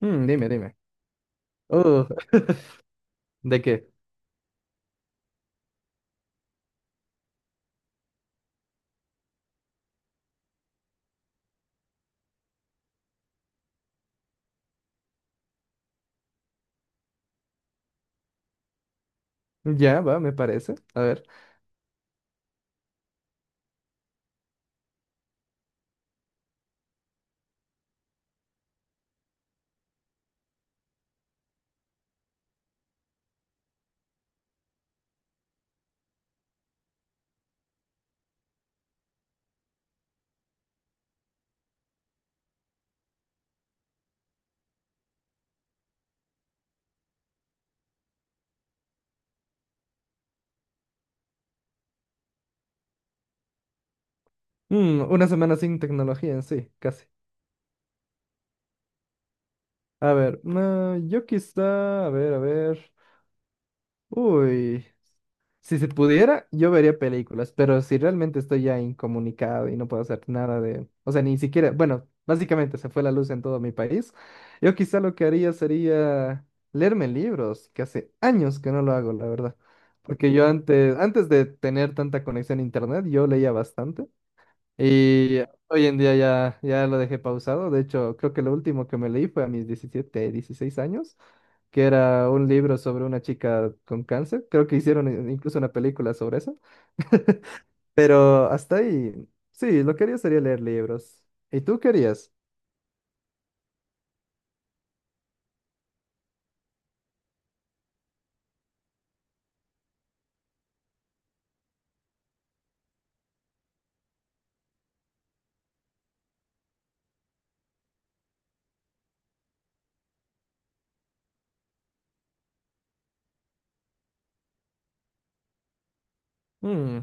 Mm, dime, dime. Uh, ¿De qué? Ya, va, me parece. A ver. Una semana sin tecnología en sí, casi. A ver, no, yo quizá, a ver, a ver. Uy. Si se pudiera, yo vería películas, pero si realmente estoy ya incomunicado y no puedo hacer nada de, o sea, ni siquiera, bueno, básicamente se fue la luz en todo mi país, yo quizá lo que haría sería leerme libros, que hace años que no lo hago, la verdad. Porque yo antes de tener tanta conexión a internet, yo leía bastante. Y hoy en día ya lo dejé pausado. De hecho, creo que lo último que me leí fue a mis 17 16 años, que era un libro sobre una chica con cáncer. Creo que hicieron incluso una película sobre eso. Pero hasta ahí, sí, lo que haría sería leer libros. ¿Y tú querías? Mm,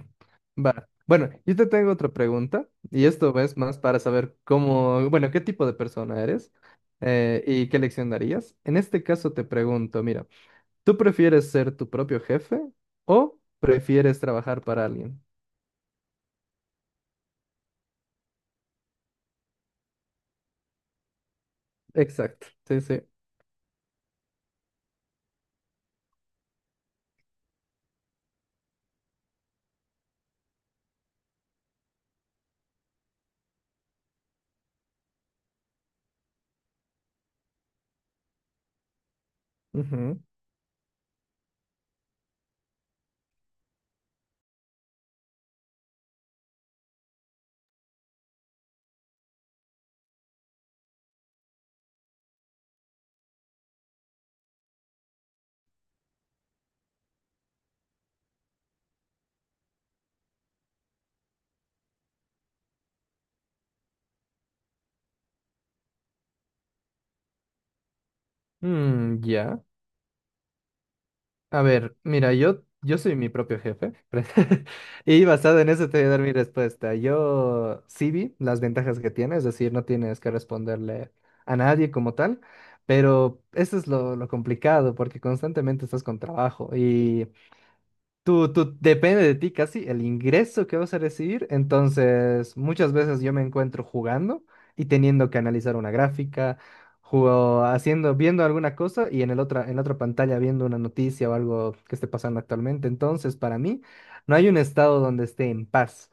va. Bueno, yo te tengo otra pregunta, y esto es más para saber cómo, bueno, qué tipo de persona eres y qué lección darías. En este caso te pregunto, mira. ¿Tú prefieres ser tu propio jefe o prefieres trabajar para alguien? Exacto, sí, sí. Ujú. Mm, ya. A ver, mira, yo soy mi propio jefe. Y basado en eso te voy a dar mi respuesta. Yo sí vi las ventajas que tiene, es decir, no tienes que responderle a nadie como tal, pero eso es lo complicado porque constantemente estás con trabajo y... Tú depende de ti casi el ingreso que vas a recibir. Entonces, muchas veces yo me encuentro jugando y teniendo que analizar una gráfica, haciendo, viendo alguna cosa y en la otra pantalla viendo una noticia o algo que esté pasando actualmente. Entonces, para mí, no hay un estado donde esté en paz.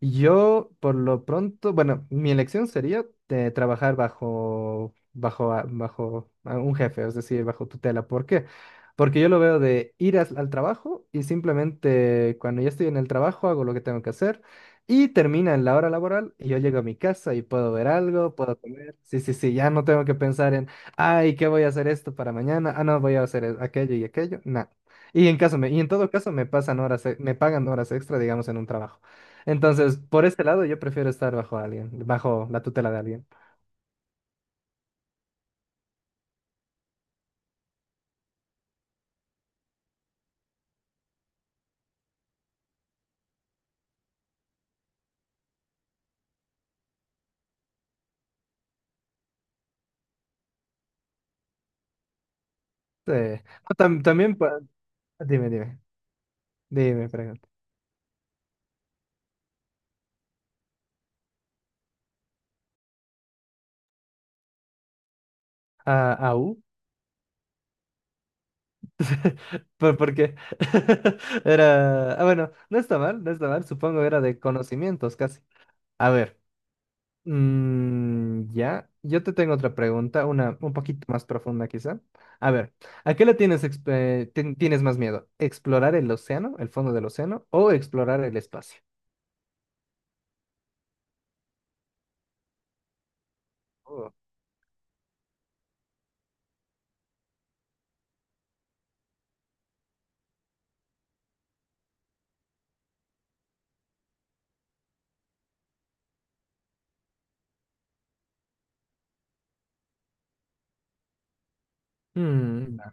Yo, por lo pronto, bueno, mi elección sería trabajar bajo a un jefe, es decir, bajo tutela. ¿Por qué? Porque yo lo veo de ir al trabajo y simplemente cuando ya estoy en el trabajo hago lo que tengo que hacer y termina en la hora laboral y yo llego a mi casa y puedo ver algo, puedo comer. Sí, sí, sí, ya no tengo que pensar en, ay, ¿qué voy a hacer esto para mañana? Ah, no, voy a hacer aquello y aquello. No. Y en todo caso me pasan horas, me pagan horas extra, digamos, en un trabajo. Entonces, por ese lado, yo prefiero estar bajo alguien, bajo la tutela de alguien. Sí. No, también, dime, dime, dime, pregunta. Ah, ¿aú? ¿Por qué? Era, ah, bueno, no está mal, no está mal, supongo era de conocimientos casi. A ver, ya, yo te tengo otra pregunta, una un poquito más profunda quizá. A ver, ¿a qué le tienes, tienes más miedo? ¿Explorar el océano, el fondo del océano, o explorar el espacio? Oh.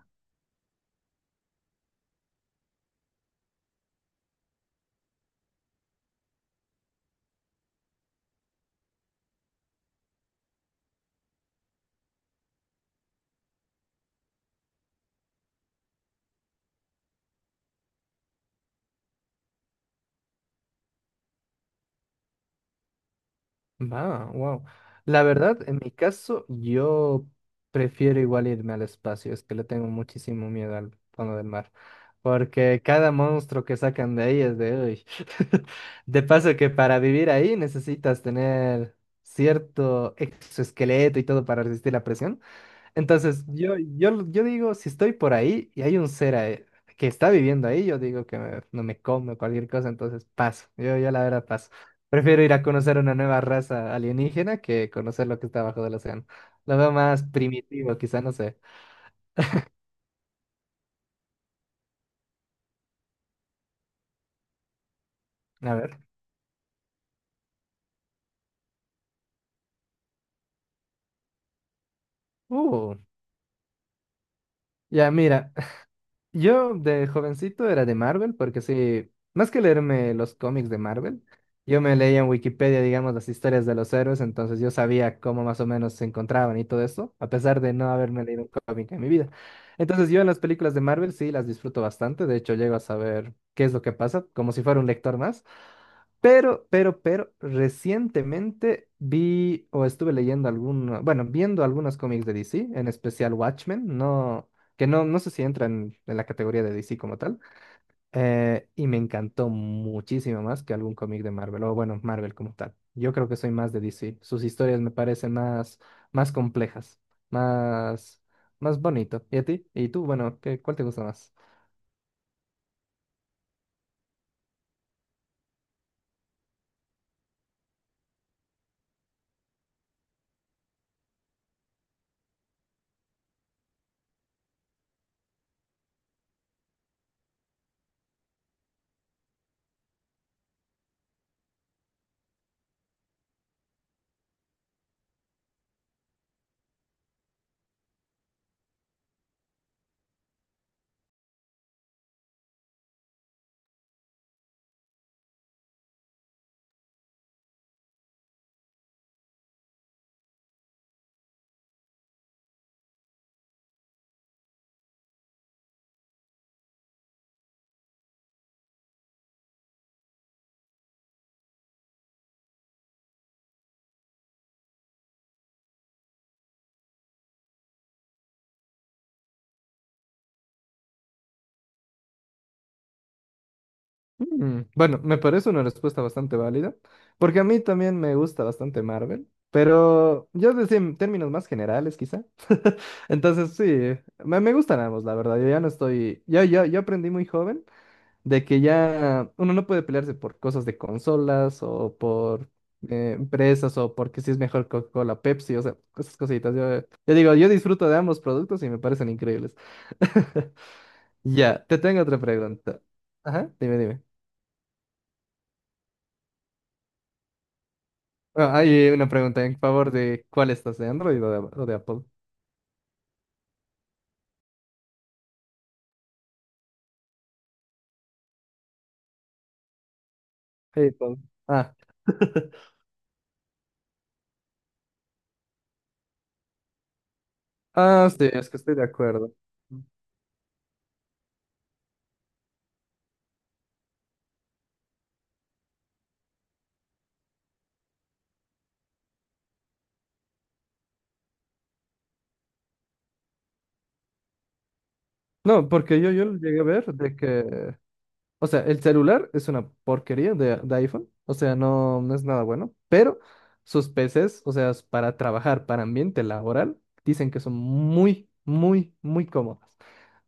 Va, wow. La verdad, en mi caso, yo prefiero igual irme al espacio, es que le tengo muchísimo miedo al fondo del mar, porque cada monstruo que sacan de ahí es de hoy. De paso que para vivir ahí necesitas tener cierto exoesqueleto y todo para resistir la presión. Entonces, yo digo, si estoy por ahí y hay un ser que está viviendo ahí, yo digo que no me come o cualquier cosa, entonces paso. Yo la verdad paso. Prefiero ir a conocer una nueva raza alienígena que conocer lo que está abajo del océano. Lo veo más primitivo, quizá, no sé. A ver. Uh, ya mira, yo de jovencito era de Marvel, porque sí, más que leerme los cómics de Marvel, yo me leía en Wikipedia, digamos, las historias de los héroes, entonces yo sabía cómo más o menos se encontraban y todo eso, a pesar de no haberme leído un cómic en mi vida. Entonces yo en las películas de Marvel sí las disfruto bastante, de hecho llego a saber qué es lo que pasa, como si fuera un lector más. Pero, recientemente vi o estuve leyendo algunos, bueno, viendo algunos cómics de DC, en especial Watchmen, no, que no, no sé si entran en la categoría de DC como tal, y me encantó muchísimo más que algún cómic de Marvel, o bueno, Marvel como tal. Yo creo que soy más de DC, sus historias me parecen más, más complejas, más, más bonito. ¿Y a ti? ¿Y tú? Bueno, ¿Cuál te gusta más? Bueno, me parece una respuesta bastante válida, porque a mí también me gusta bastante Marvel, pero yo decía en términos más generales quizá. Entonces sí, me gustan ambos, la verdad. Yo ya no estoy, yo aprendí muy joven de que ya uno no puede pelearse por cosas de consolas o por empresas o porque si es mejor Coca-Cola, Pepsi, o sea, esas cositas. Yo digo, yo disfruto de ambos productos y me parecen increíbles. Ya, te tengo otra pregunta. Ajá, dime, dime. Bueno, hay una pregunta en favor de cuál estás, de Android o de Apple. Hey, Apple. Ah. Ah, sí, es que estoy de acuerdo. No, porque yo llegué a ver de que, o sea, el celular es una porquería de iPhone, o sea, no, no es nada bueno, pero sus PCs, o sea, es para trabajar, para ambiente laboral, dicen que son muy, muy, muy cómodos.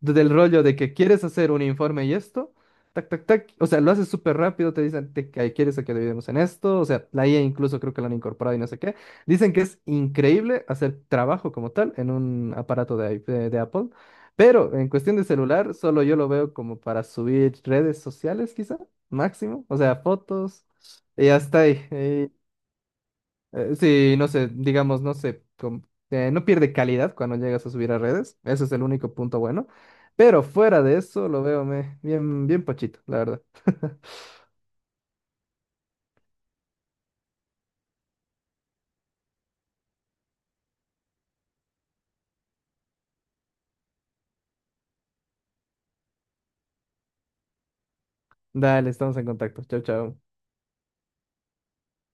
Del rollo de que quieres hacer un informe y esto, tac, tac, tac, o sea, lo haces súper rápido, te dicen que quieres que dividamos en esto, o sea, la IA incluso creo que lo han incorporado y no sé qué. Dicen que es increíble hacer trabajo como tal en un aparato de, iP- de Apple, pero en cuestión de celular, solo yo lo veo como para subir redes sociales, quizá, máximo, o sea, fotos, y hasta ahí. Sí, no sé, digamos, no sé, no pierde calidad cuando llegas a subir a redes. Ese es el único punto bueno. Pero fuera de eso, lo veo bien, bien pochito, la verdad. Dale, estamos en contacto. Chao, chao.